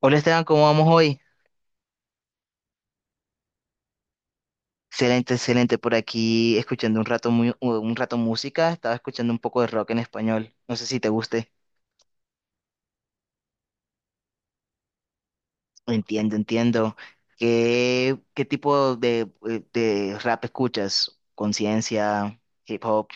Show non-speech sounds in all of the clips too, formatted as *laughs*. Hola, Esteban, ¿cómo vamos hoy? Excelente, excelente. Por aquí escuchando un rato, un rato música. Estaba escuchando un poco de rock en español. No sé si te guste. Entiendo, entiendo. ¿Qué tipo de rap escuchas? ¿Conciencia, hip hop?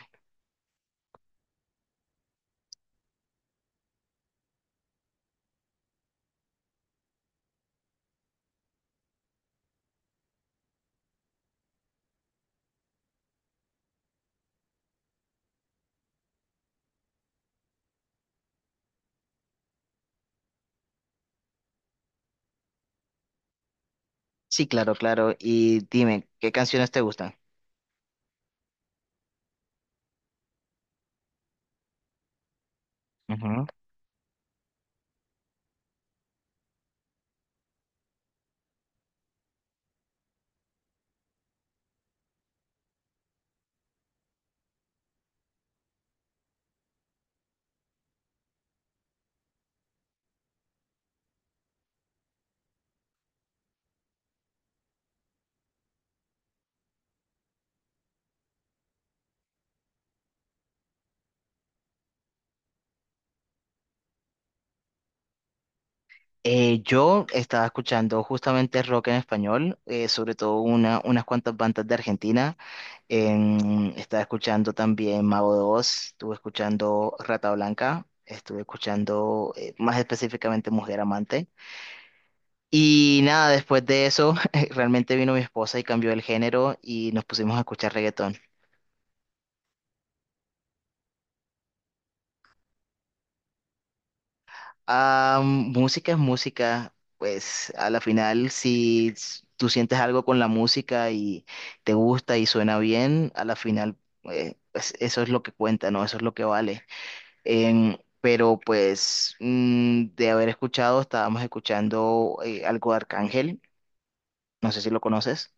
Sí, claro, claro. Y dime, ¿qué canciones te gustan? Ujú. Yo estaba escuchando justamente rock en español, sobre todo unas cuantas bandas de Argentina. Estaba escuchando también Mago de Oz, estuve escuchando Rata Blanca, estuve escuchando más específicamente Mujer Amante. Y nada, después de eso, *laughs* realmente vino mi esposa y cambió el género y nos pusimos a escuchar reggaetón. Ah, música es música. Pues a la final, si tú sientes algo con la música y te gusta y suena bien, a la final, pues eso es lo que cuenta, ¿no? Eso es lo que vale. Pero pues de haber escuchado, estábamos escuchando algo de Arcángel, no sé si lo conoces.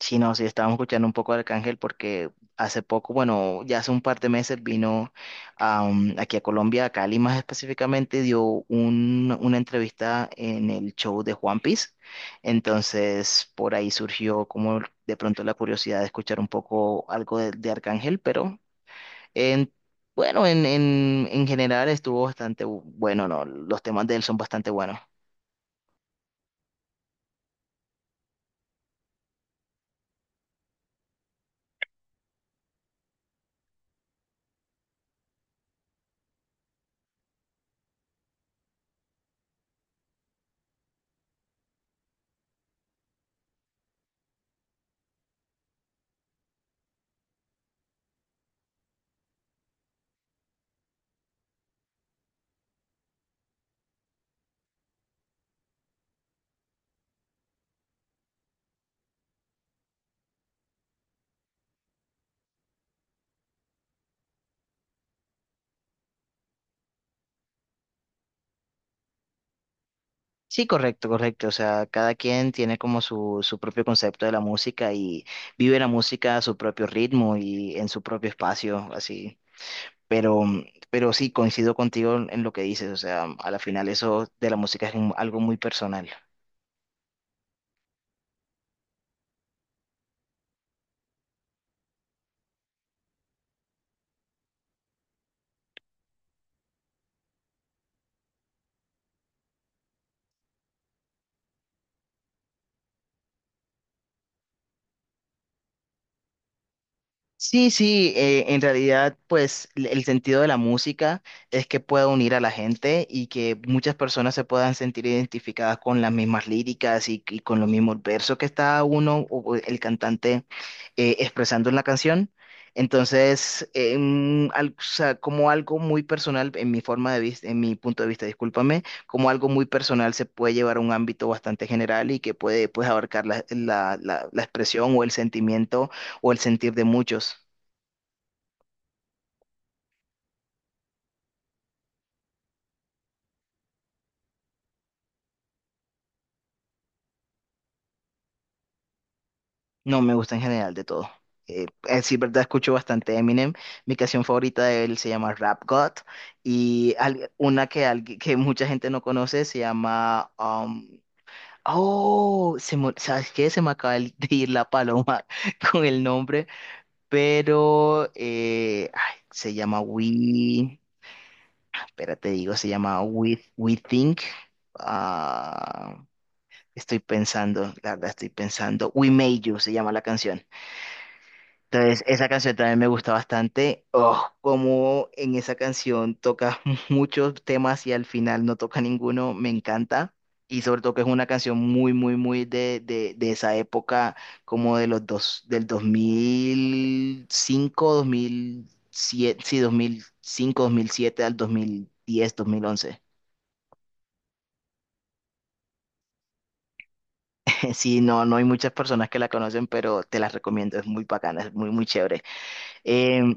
Sí, no, sí, estábamos escuchando un poco de Arcángel porque hace poco, bueno, ya hace un par de meses vino aquí a Colombia, a Cali más específicamente, dio una entrevista en el show de Juan Piece. Entonces, por ahí surgió como de pronto la curiosidad de escuchar un poco algo de Arcángel. Pero En, bueno, en general estuvo bastante bueno, ¿no? Los temas de él son bastante buenos. Sí, correcto, correcto. O sea, cada quien tiene como su propio concepto de la música y vive la música a su propio ritmo y en su propio espacio, así. Pero, pero sí, coincido contigo en lo que dices. O sea, a la final eso de la música es algo muy personal. Sí, sí, en realidad, pues el sentido de la música es que pueda unir a la gente y que muchas personas se puedan sentir identificadas con las mismas líricas y con los mismos versos que está uno o el cantante expresando en la canción. Entonces, o sea, como algo muy personal, en mi forma de vista, en mi punto de vista, discúlpame, como algo muy personal se puede llevar a un ámbito bastante general y que puede, pues, abarcar la expresión o el sentimiento o el sentir de muchos. No, me gusta en general de todo. Sí, verdad, escucho bastante Eminem. Mi canción favorita de él se llama Rap God, y una que, que mucha gente no conoce, se llama... oh, ¿sabes qué? Se me acaba de ir la paloma *laughs* con el nombre, pero ay, se llama We... Espérate, digo, se llama We Think. Ah, estoy pensando, la verdad estoy pensando. We Made You se llama la canción. Entonces, esa canción también me gusta bastante. Oh, como en esa canción toca *laughs* muchos temas y al final no toca ninguno, me encanta. Y sobre todo que es una canción muy, muy, muy de esa época, como de los dos, del 2005, 2007, sí, 2005, dos mil siete al 2010, 2011. Sí, no, no hay muchas personas que la conocen, pero te las recomiendo, es muy bacana, es muy, muy chévere. Em,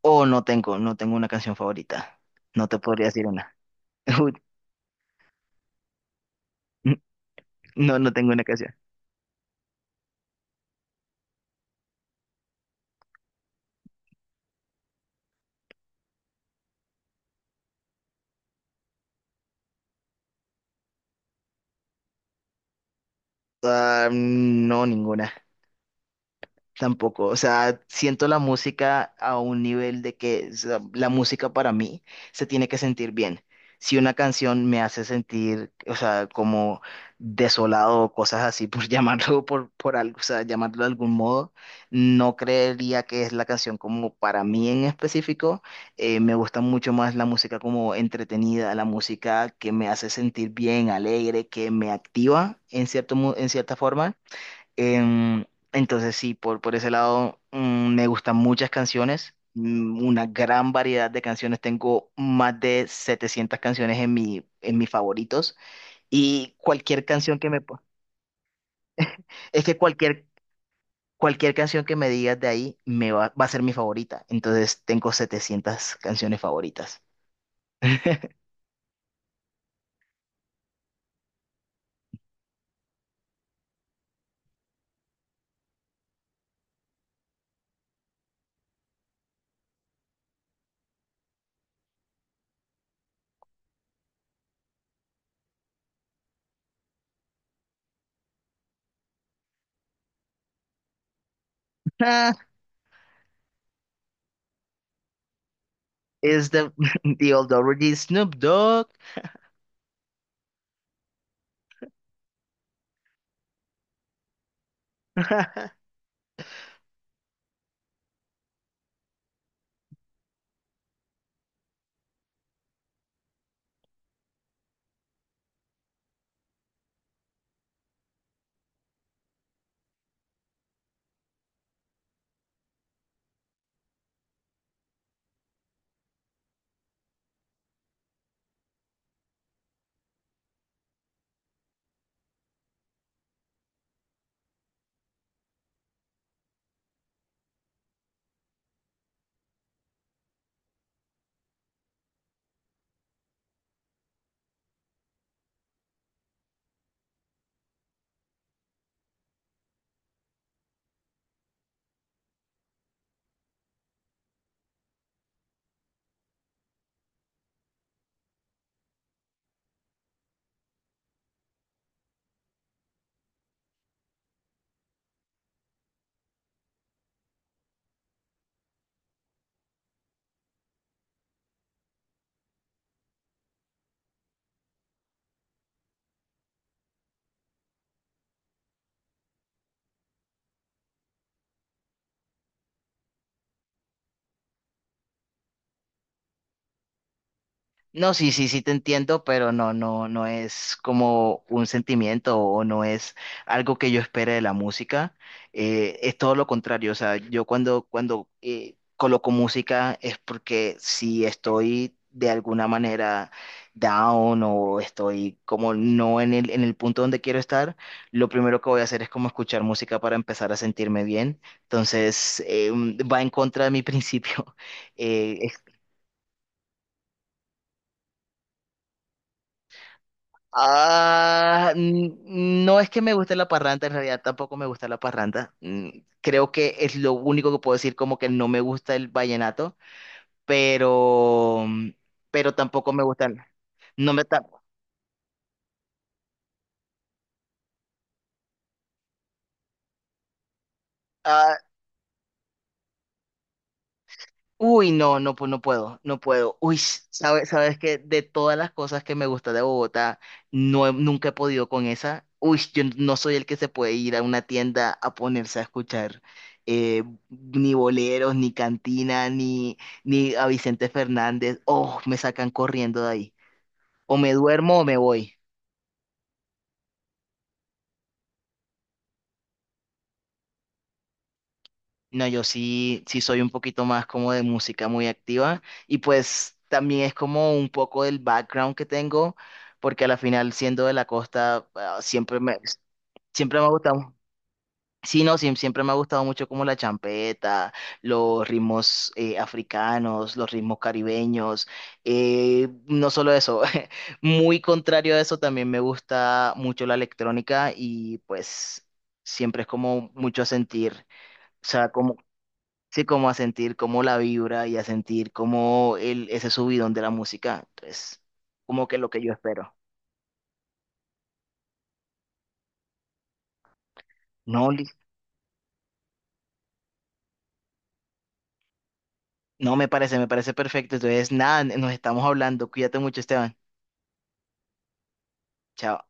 o no tengo, no tengo una canción favorita. No te podría decir una. *laughs* Uy, no, no tengo una canción. Ah, no, ninguna. Tampoco. O sea, siento la música a un nivel de que, o sea, la música para mí se tiene que sentir bien. Si una canción me hace sentir, o sea, como desolado o cosas así, por *laughs* llamarlo por algo, o sea, llamarlo de algún modo, no creería que es la canción como para mí en específico. Me gusta mucho más la música como entretenida, la música que me hace sentir bien, alegre, que me activa en cierto, en cierta forma. Em, entonces sí, por ese lado me gustan muchas canciones, una gran variedad de canciones. Tengo más de 700 canciones en en mis favoritos, y cualquier canción que me... Es que cualquier canción que me digas de ahí me va a ser mi favorita. Entonces tengo 700 canciones favoritas. *laughs* Ah, es the, *laughs* the old Dougherty Snoop Dogg. *laughs* No, sí, sí, sí te entiendo, pero no, no, no es como un sentimiento o no es algo que yo espere de la música. Es todo lo contrario. O sea, yo cuando coloco música es porque si estoy de alguna manera down o estoy como no en en el punto donde quiero estar, lo primero que voy a hacer es como escuchar música para empezar a sentirme bien. Entonces, va en contra de mi principio. *laughs* Eh, ah, no es que me guste la parranda, en realidad tampoco me gusta la parranda. Mm, creo que es lo único que puedo decir, como que no me gusta el vallenato, pero, pero tampoco me gusta, no me, ah, uy, no, no, pues no puedo, no puedo. Uy, sabes, sabes que de todas las cosas que me gusta de Bogotá, no, nunca he podido con esa. Uy, yo no soy el que se puede ir a una tienda a ponerse a escuchar ni boleros, ni cantina, ni a Vicente Fernández. Oh, me sacan corriendo de ahí. O me duermo o me voy. No, yo sí, sí soy un poquito más como de música muy activa, y pues también es como un poco del background que tengo, porque a la final siendo de la costa ah, siempre me ha gustado, sí, no, siempre me ha gustado mucho como la champeta, los ritmos africanos, los ritmos caribeños, no solo eso, *laughs* muy contrario a eso también me gusta mucho la electrónica, y pues siempre es como mucho a sentir. O sea, sí, como a sentir como la vibra y a sentir como el, ese subidón de la música. Entonces, como que lo que yo espero. No, Liz. No, me parece perfecto. Entonces, nada, nos estamos hablando. Cuídate mucho, Esteban. Chao.